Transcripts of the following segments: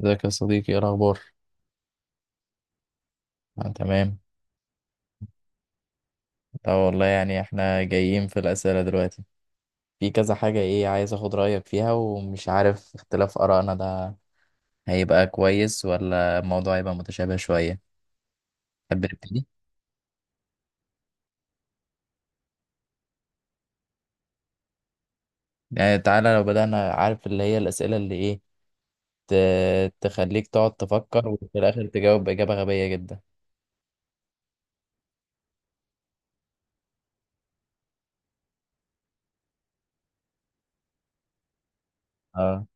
ازيك يا صديقي؟ ايه الاخبار؟ آه تمام. اه والله يعني احنا جايين في الاسئله دلوقتي، في كذا حاجه، ايه، عايز اخد رايك فيها ومش عارف اختلاف ارائنا ده هيبقى كويس ولا الموضوع هيبقى متشابه شويه. تحب نبتدي؟ يعني تعالى لو بدانا، عارف، اللي هي الاسئله اللي ايه تخليك تقعد تفكر وفي الاخر تجاوب باجابه غبيه جدا. اه.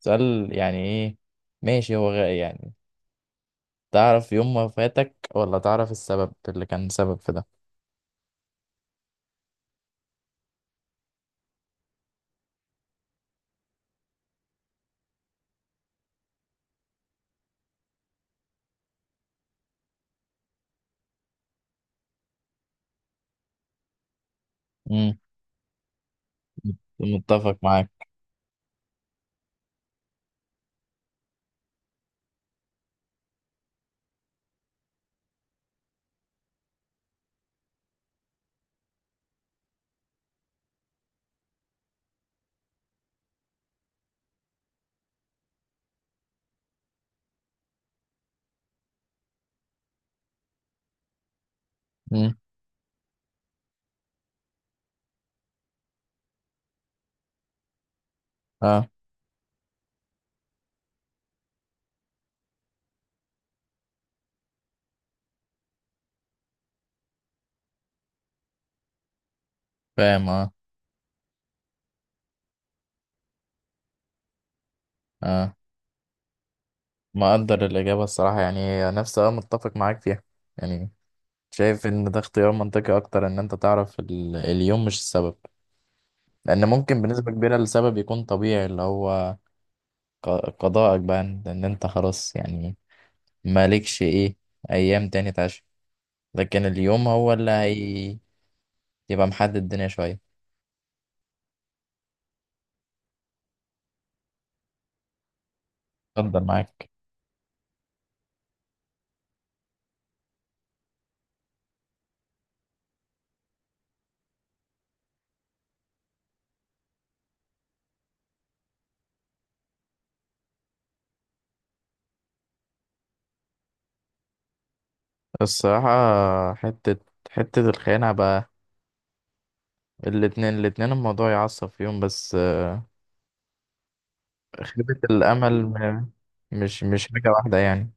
سؤال يعني ايه؟ ماشي. يعني تعرف يوم ما فاتك ولا تعرف السبب اللي كان سبب في ده؟ امم. متفق معاك. مم. اه فاهم اه. اه، مقدر الإجابة، الصراحة يعني نفسي، اه، متفق معاك فيها. يعني شايف إن ده اختيار منطقي أكتر، إن أنت تعرف اليوم مش السبب، لأن ممكن بنسبة كبيرة السبب يكون طبيعي، اللي هو ق... قضاءك بقى، إن أنت خلاص يعني مالكش إيه، أيام تاني تعيش، لكن اليوم هو اللي هي يبقى محدد الدنيا شوية. اتفضل معاك. الصراحة، حتة حتة الخيانة بقى، الاتنين الموضوع يعصب فيهم، بس خيبة الأمل مش حاجة واحدة يعني.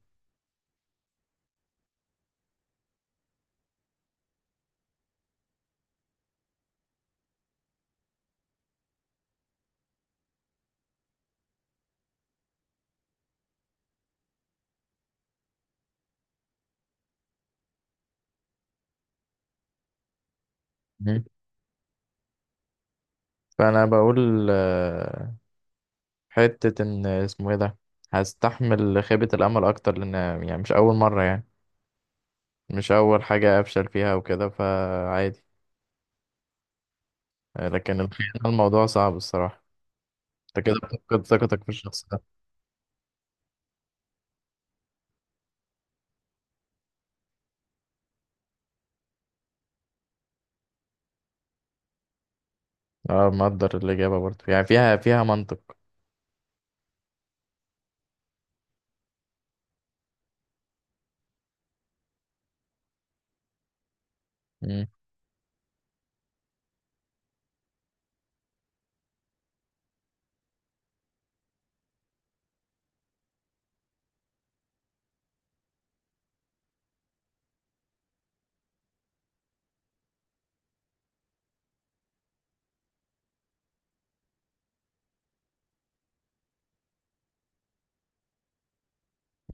مم. فأنا بقول آه، حتة إن اسمه إيه ده، هستحمل خيبة الأمل أكتر، لأن يعني مش أول مرة يعني، مش أول حاجة أفشل فيها وكده فعادي. آه، لكن الخيانة الموضوع صعب الصراحة. أنت كده بتفقد ثقتك في الشخص ده. أه مقدر الإجابة برضه، يعني فيها منطق. مم.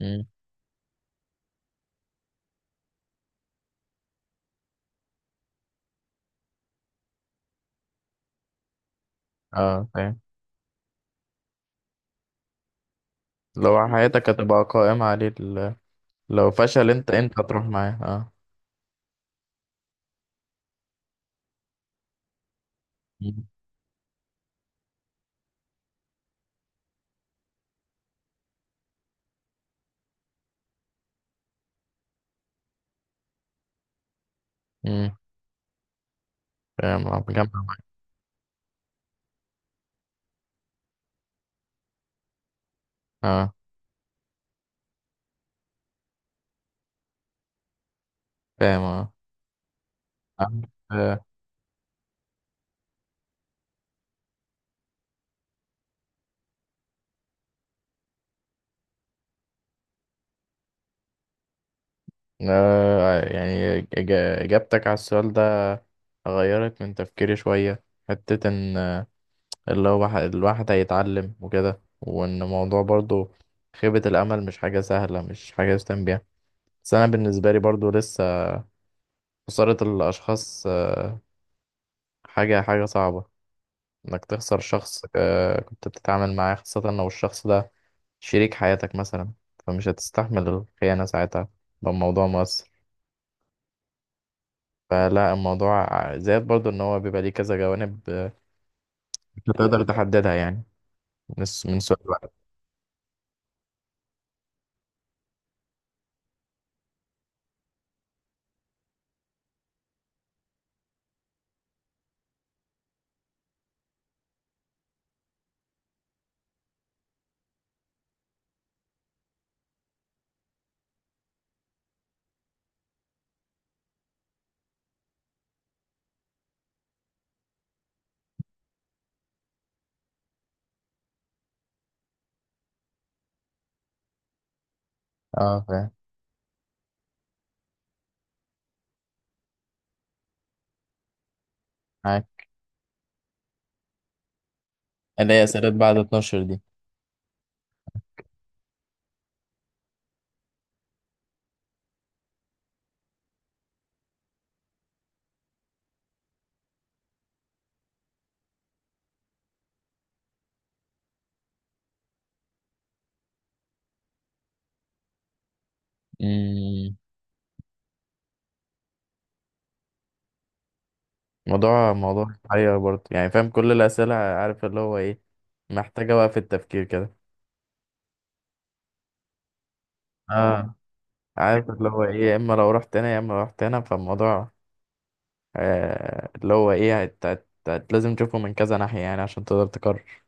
مم. أه فاهم. لو حياتك هتبقى قائمة عليه لو فشل أنت هتروح معاه، أه. مم. امم. فاهم جمع. اه فاهم اه. عارف، آه، آه، يعني إجابتك على السؤال ده غيرت من تفكيري شوية، حتة إن آه، اللي هو الواحد هيتعلم وكده، وإن الموضوع برضو خيبة الأمل مش حاجة سهلة، مش حاجة يستهان بيها. بس أنا بالنسبة لي برضو لسه خسارة الأشخاص آه، حاجة صعبة، إنك تخسر شخص آه، كنت بتتعامل معاه، خاصة لو الشخص ده شريك حياتك مثلا، فمش هتستحمل الخيانة ساعتها، ده الموضوع مؤثر. فلا الموضوع زائد برضو ان هو بيبقى ليه كذا جوانب آه، مش هتقدر تحددها يعني من من سؤال واحد. اه فاهم. معاك. اللي هي اسئله بعد 12 دي. امم. موضوع محير برضو، يعني فاهم كل الاسئله، عارف اللي هو ايه، محتاجه بقى في التفكير كده. اه عارف اللي هو ايه، يا اما لو رحت هنا يا اما لو رحت هنا، فالموضوع آه اللي هو ايه لازم تشوفه من كذا ناحيه يعني عشان تقدر تقرر.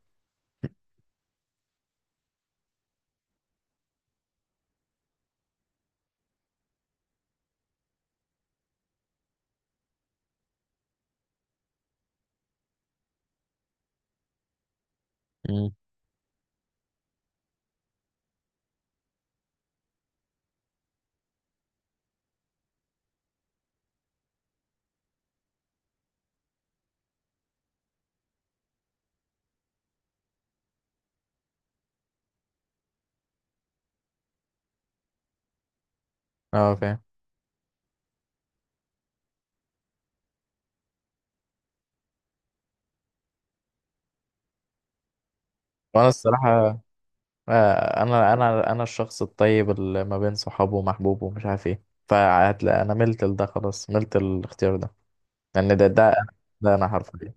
امم. اه فاهم. وانا الصراحه آه، انا الشخص الطيب اللي ما بين صحابه ومحبوبه ومش عارف ايه، فهتلاقي انا ملت لده، خلاص ملت الاختيار ده لان ده انا حرفيا.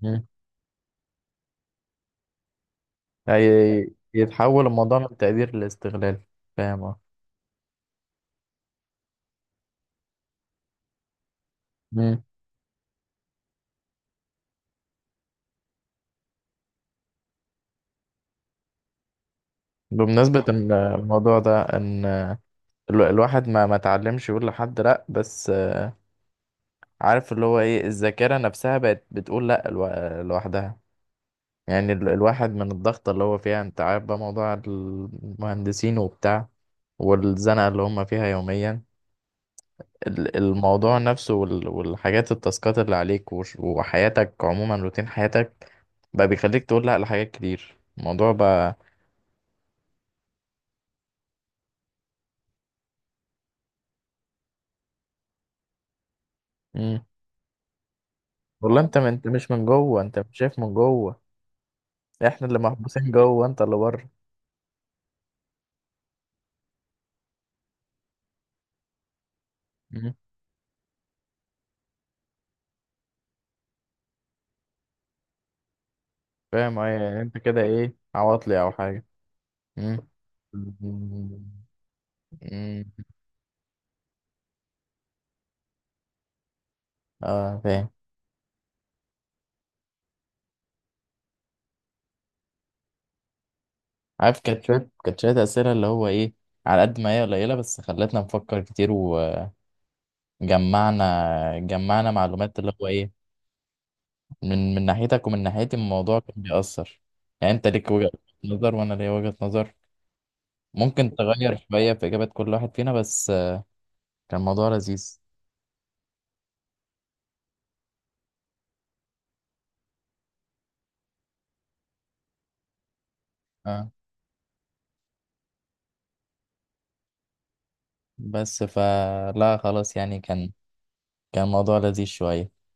مم. يتحول الموضوع من تقدير لاستغلال. فاهم اه. مم. بمناسبة إن الموضوع ده ان الواحد ما اتعلمش يقول لحد لا، بس عارف اللي هو ايه، الذاكرة نفسها بقت بتقول لا لوحدها، يعني الواحد من الضغط اللي هو فيها، انت عارف بقى موضوع المهندسين وبتاع، والزنقة اللي هم فيها يوميا، الموضوع نفسه والحاجات التاسكات اللي عليك وحياتك عموما روتين حياتك بقى بيخليك تقول لا لحاجات كتير، الموضوع بقى. مم. والله انت انت مش من جوه، انت مش شايف من جوه، احنا اللي محبوسين جوه انت اللي بره. مم. فاهم ايه يعني، انت كده ايه، عواطلي او حاجة. مم. مم. آه فاهم. عارف كانت كانت شوية أسئلة اللي هو إيه، على قد ما هي قليلة بس خلتنا نفكر كتير، جمعنا معلومات اللي هو إيه، من ناحيتك ومن ناحيتي الموضوع كان بيأثر. يعني أنت ليك وجهة نظر وأنا ليا وجهة نظر، ممكن تغير شوية في إجابات كل واحد فينا، بس كان الموضوع لذيذ. أه بس فلا خلاص يعني، كان كان الموضوع لذيذ شوية.